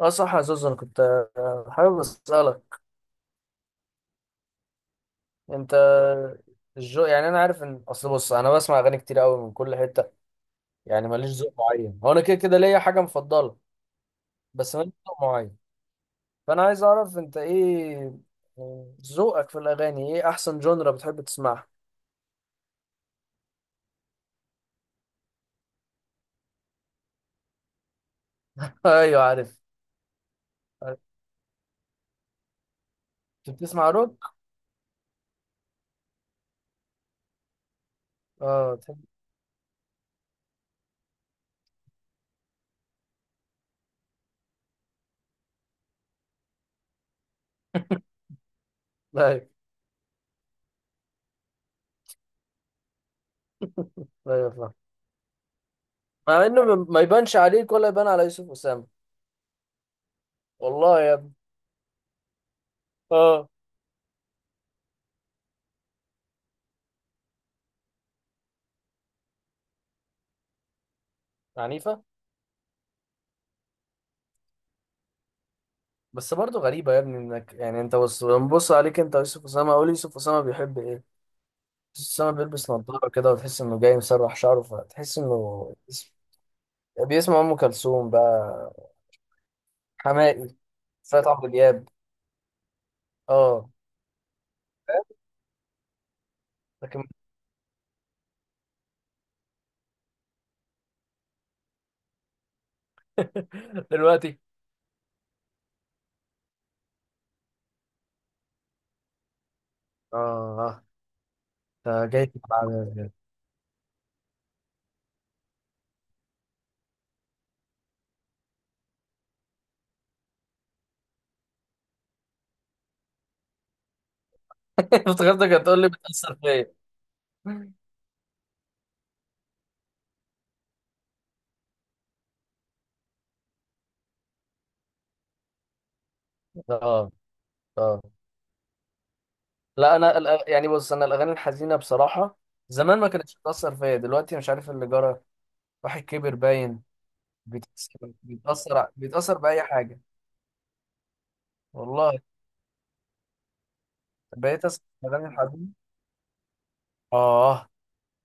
اه، صح يا زوز. انا كنت حابب اسالك انت الجو، يعني انا عارف ان اصل، بص انا بسمع اغاني كتير قوي من كل حته، يعني ماليش ذوق معين، هو انا كده كده ليا حاجه مفضله، بس ماليش ذوق معين. فانا عايز اعرف انت ايه ذوقك في الاغاني، ايه احسن جونرا بتحب تسمعها؟ ايوه عارف. عارف. انت بتسمع روك؟ اه بتحب. ايوه ايوه فاهم. مع انه ما يبانش عليك ولا يبان على يوسف اسامه. والله يا ابني. اه، عنيفه. بس برضه غريبة يا ابني انك، يعني انت بص بنبص عليك انت، يوسف اسامة، قول يوسف اسامة بيحب ايه؟ يوسف اسامة بيلبس نضارة كده وتحس انه جاي مسرح شعره، فتحس انه بيسمع ام كلثوم بقى، حماقي، فات عبد الوهاب. اه لكن. دلوقتي. اه. ده جاي تبقى عامل إزاي؟ افتكرتك هتقول لي بتأثر فيا. اه اه. لا انا يعني بص انا الاغاني الحزينة بصراحة زمان ما كانتش بتأثر فيا، دلوقتي مش عارف اللي جرى. واحد كبر باين. بتأثر بيتأثر بيتأثر بأي حاجة. والله، بقيت أسمع أغاني الحزين. آه،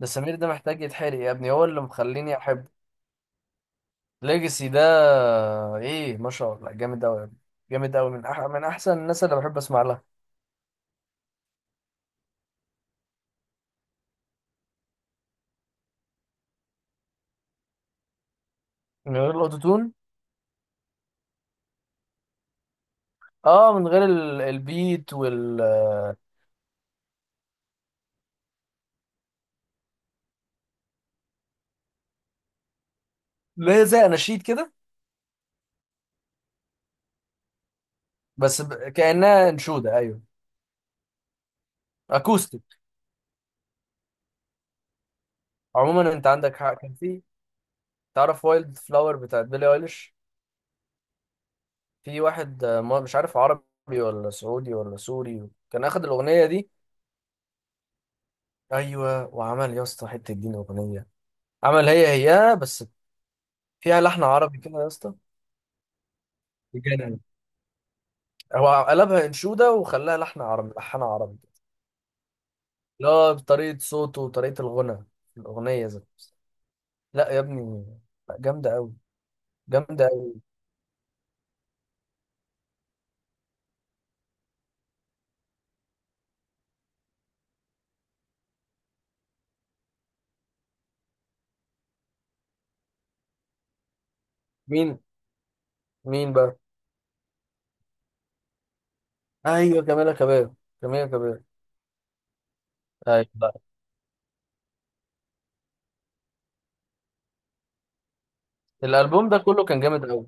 ده سمير ده محتاج يتحرق يا ابني، هو اللي مخليني أحبه. ليجاسي ده إيه، ما شاء الله، جامد أوي يا ابني. جامد أوي، من أحسن الناس اللي بحب أسمع لها. من غير الأوتوتون. آه، من غير البيت وال. اللي هي زي أناشيد كده. بس كأنها أنشودة، أيوه. أكوستيك. عموما أنت عندك حق، كان في. تعرف وايلد فلاور بتاعت بيلي أيليش؟ في واحد مش عارف عربي ولا سعودي ولا سوري، كان اخد الاغنيه دي، ايوه، وعمل يا اسطى حته دين اغنيه. عمل هي بس فيها لحن عربي كده يا اسطى، بجد. هو قلبها انشوده، وخلاها لحن عربي، لحنها عربي. لا، بطريقه صوته وطريقه الغنى في الاغنيه ذات نفسها. لا يا ابني، لا، جامده قوي، جامده قوي. مين؟ مين بقى؟ ايوه جميله كباب، جميله كباب. ايوه. الالبوم ده كله كان جامد قوي.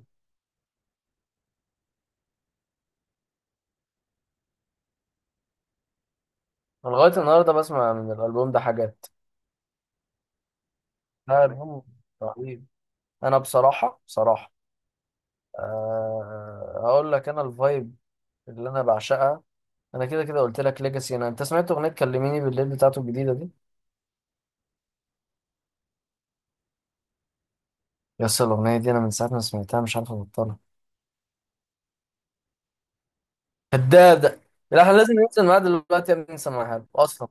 انا لغايه النهارده بسمع من الالبوم ده حاجات. لا الهم، رهيب. انا بصراحه بصراحه، أه هقول لك انا الفايب اللي انا بعشقها. انا كده كده قلت لك ليجاسي. انا انت سمعت اغنيه كلميني بالليل بتاعته الجديده دي؟ يا اسطى الاغنيه دي انا من ساعه ما سمعتها مش عارف ابطلها. كدابه. لا احنا لازم ننزل معاه دلوقتي يا ابني نسمعها له اصلا.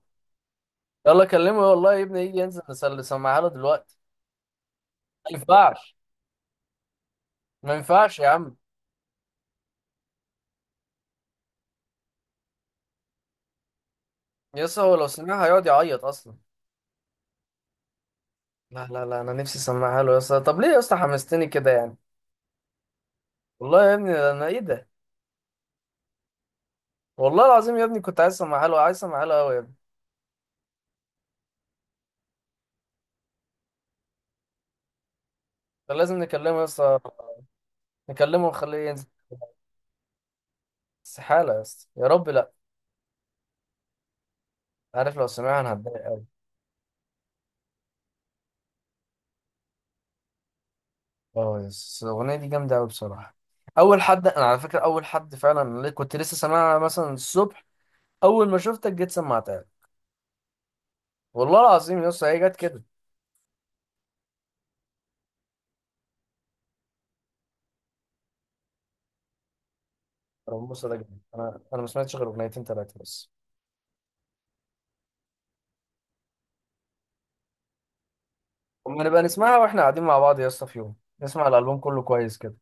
يلا كلمه والله يا ابني يجي ينزل نسمعها له دلوقتي. ما ينفعش، ما ينفعش يا عم. يا اسطى هو لو سمعها هيقعد يعيط اصلا. لا انا نفسي اسمعها له يا اسطى. طب ليه يا اسطى حمستني كده يعني. والله يا ابني انا، ايه ده. والله العظيم يا ابني كنت عايز اسمعها له، عايز اسمعها له قوي يا ابني. كان لازم نكلمه يا اسطى، نكلمه ونخليه ينزل. استحالة يا اسطى، يا رب لا. عارف لو سمعها انا هتضايق قوي. اه يس، الاغنية دي جامدة قوي بصراحة. اول حد، انا على فكرة اول حد فعلا اللي كنت لسه سامعها مثلا الصبح، اول ما شفتك جيت سمعتها لي. والله العظيم يا اسطى هي جت كده. انا بص ده جامد، انا ما سمعتش غير اغنيتين ثلاثة بس. اما نبقى نسمعها واحنا قاعدين مع بعض يا اسطى في يوم، نسمع الالبوم كله كويس كده.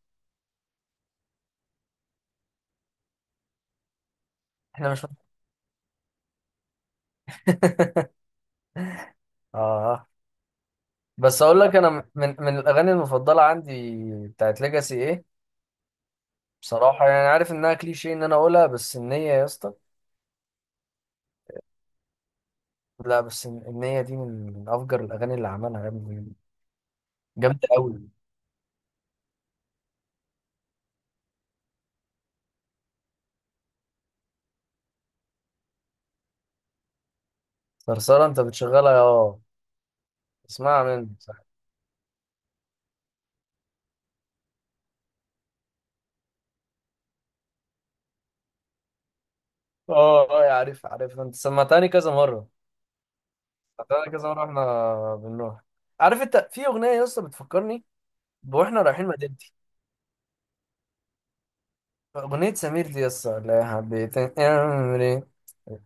احنا مش. اه. بس اقول لك انا، من الاغاني المفضله عندي بتاعت ليجاسي، ايه؟ بصراحه يعني عارف انها كليشيه ان انا اقولها، بس النيه يا اسطى. لا بس النيه دي من افجر الاغاني اللي عملها يا ابني. جامده قوي. صرصره؟ انت بتشغلها، اه. اسمعها مني، صح؟ اه اه، يا عارف عارف، انت سمعتني كذا مره، سمعتني كذا مره واحنا بنروح. عارف انت في اغنيه يا اسطى بتفكرني واحنا رايحين مدينتي؟ اغنيه سمير دي يا اسطى، لا حبيت امري.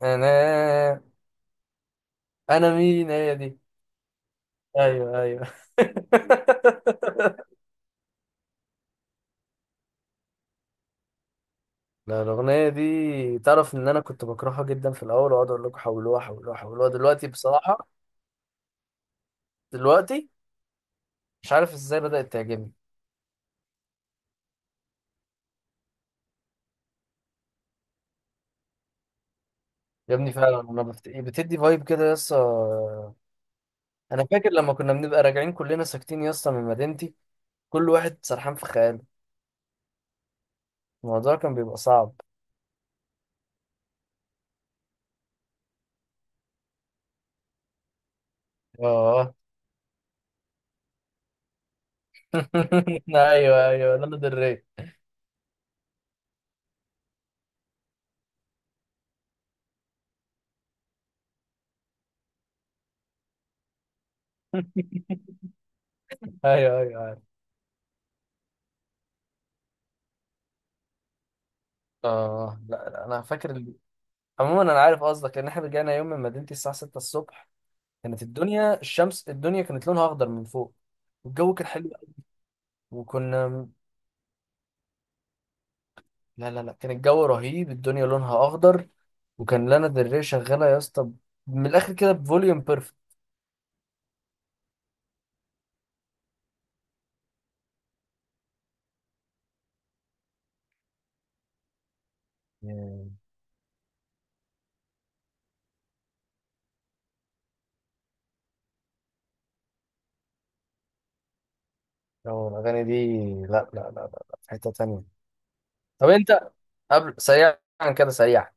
انا، انا مين، هي دي. ايوه ايوه. لا الاغنيه دي، تعرف ان انا كنت بكرهها جدا في الاول واقعد اقول لكم حولوها حولوها حولوها، دلوقتي بصراحه، دلوقتي مش عارف ازاي بدات تعجبني. يا ابني فعلا انا بتدي فايب كده يا اسطى. انا فاكر لما كنا بنبقى راجعين كلنا ساكتين يا اسطى من مدينتي، كل واحد سرحان في خياله، الموضوع كان بيبقى صعب. اه. ايوه ايوه، لانا دري. ايوه ايوه ايوه. اه لا لا، انا فاكر. عموما انا عارف قصدك، لان احنا رجعنا يوم من مدينتي الساعه 6 الصبح. كانت الدنيا، الشمس، الدنيا كانت لونها اخضر من فوق، والجو كان حلو قوي، وكنا. لا لا لا، كان الجو رهيب، الدنيا لونها اخضر، وكان لانا دري ري شغاله يا اسطى، من الاخر كده بفوليوم بيرفكت يعني. أو الاغاني دي. لا، في حته تانية. طب انت، قبل سريعا كده، سريعا،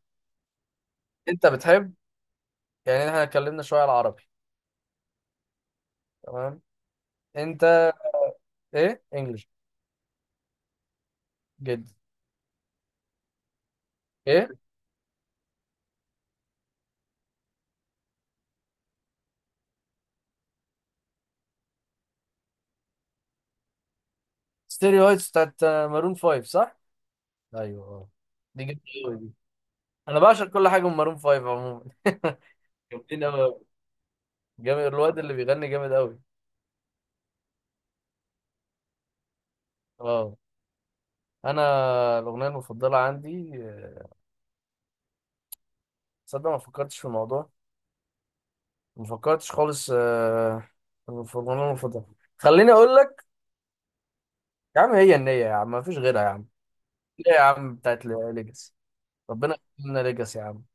انت بتحب، يعني احنا اتكلمنا شويه على العربي، تمام، انت، ايه انجلش؟ جدا. ايه؟ ستيريوهايبس بتاعت مارون 5، صح؟ ايوه اه. دي جامده قوي دي. انا بعشق كل حاجه من مارون فايف عموما. جامدين قوي. جامد الواد اللي بيغني جامد قوي. اه. انا الاغنيه المفضله عندي تصدق ما فكرتش في الموضوع، ما فكرتش خالص في الاغنيه المفضله. خليني اقول لك، يا عم هي النيه يا عم، ما فيش غيرها يا عم. ليه يا عم، بتاعت ليجاسي. ربنا يخلينا ليجاسي يا عم.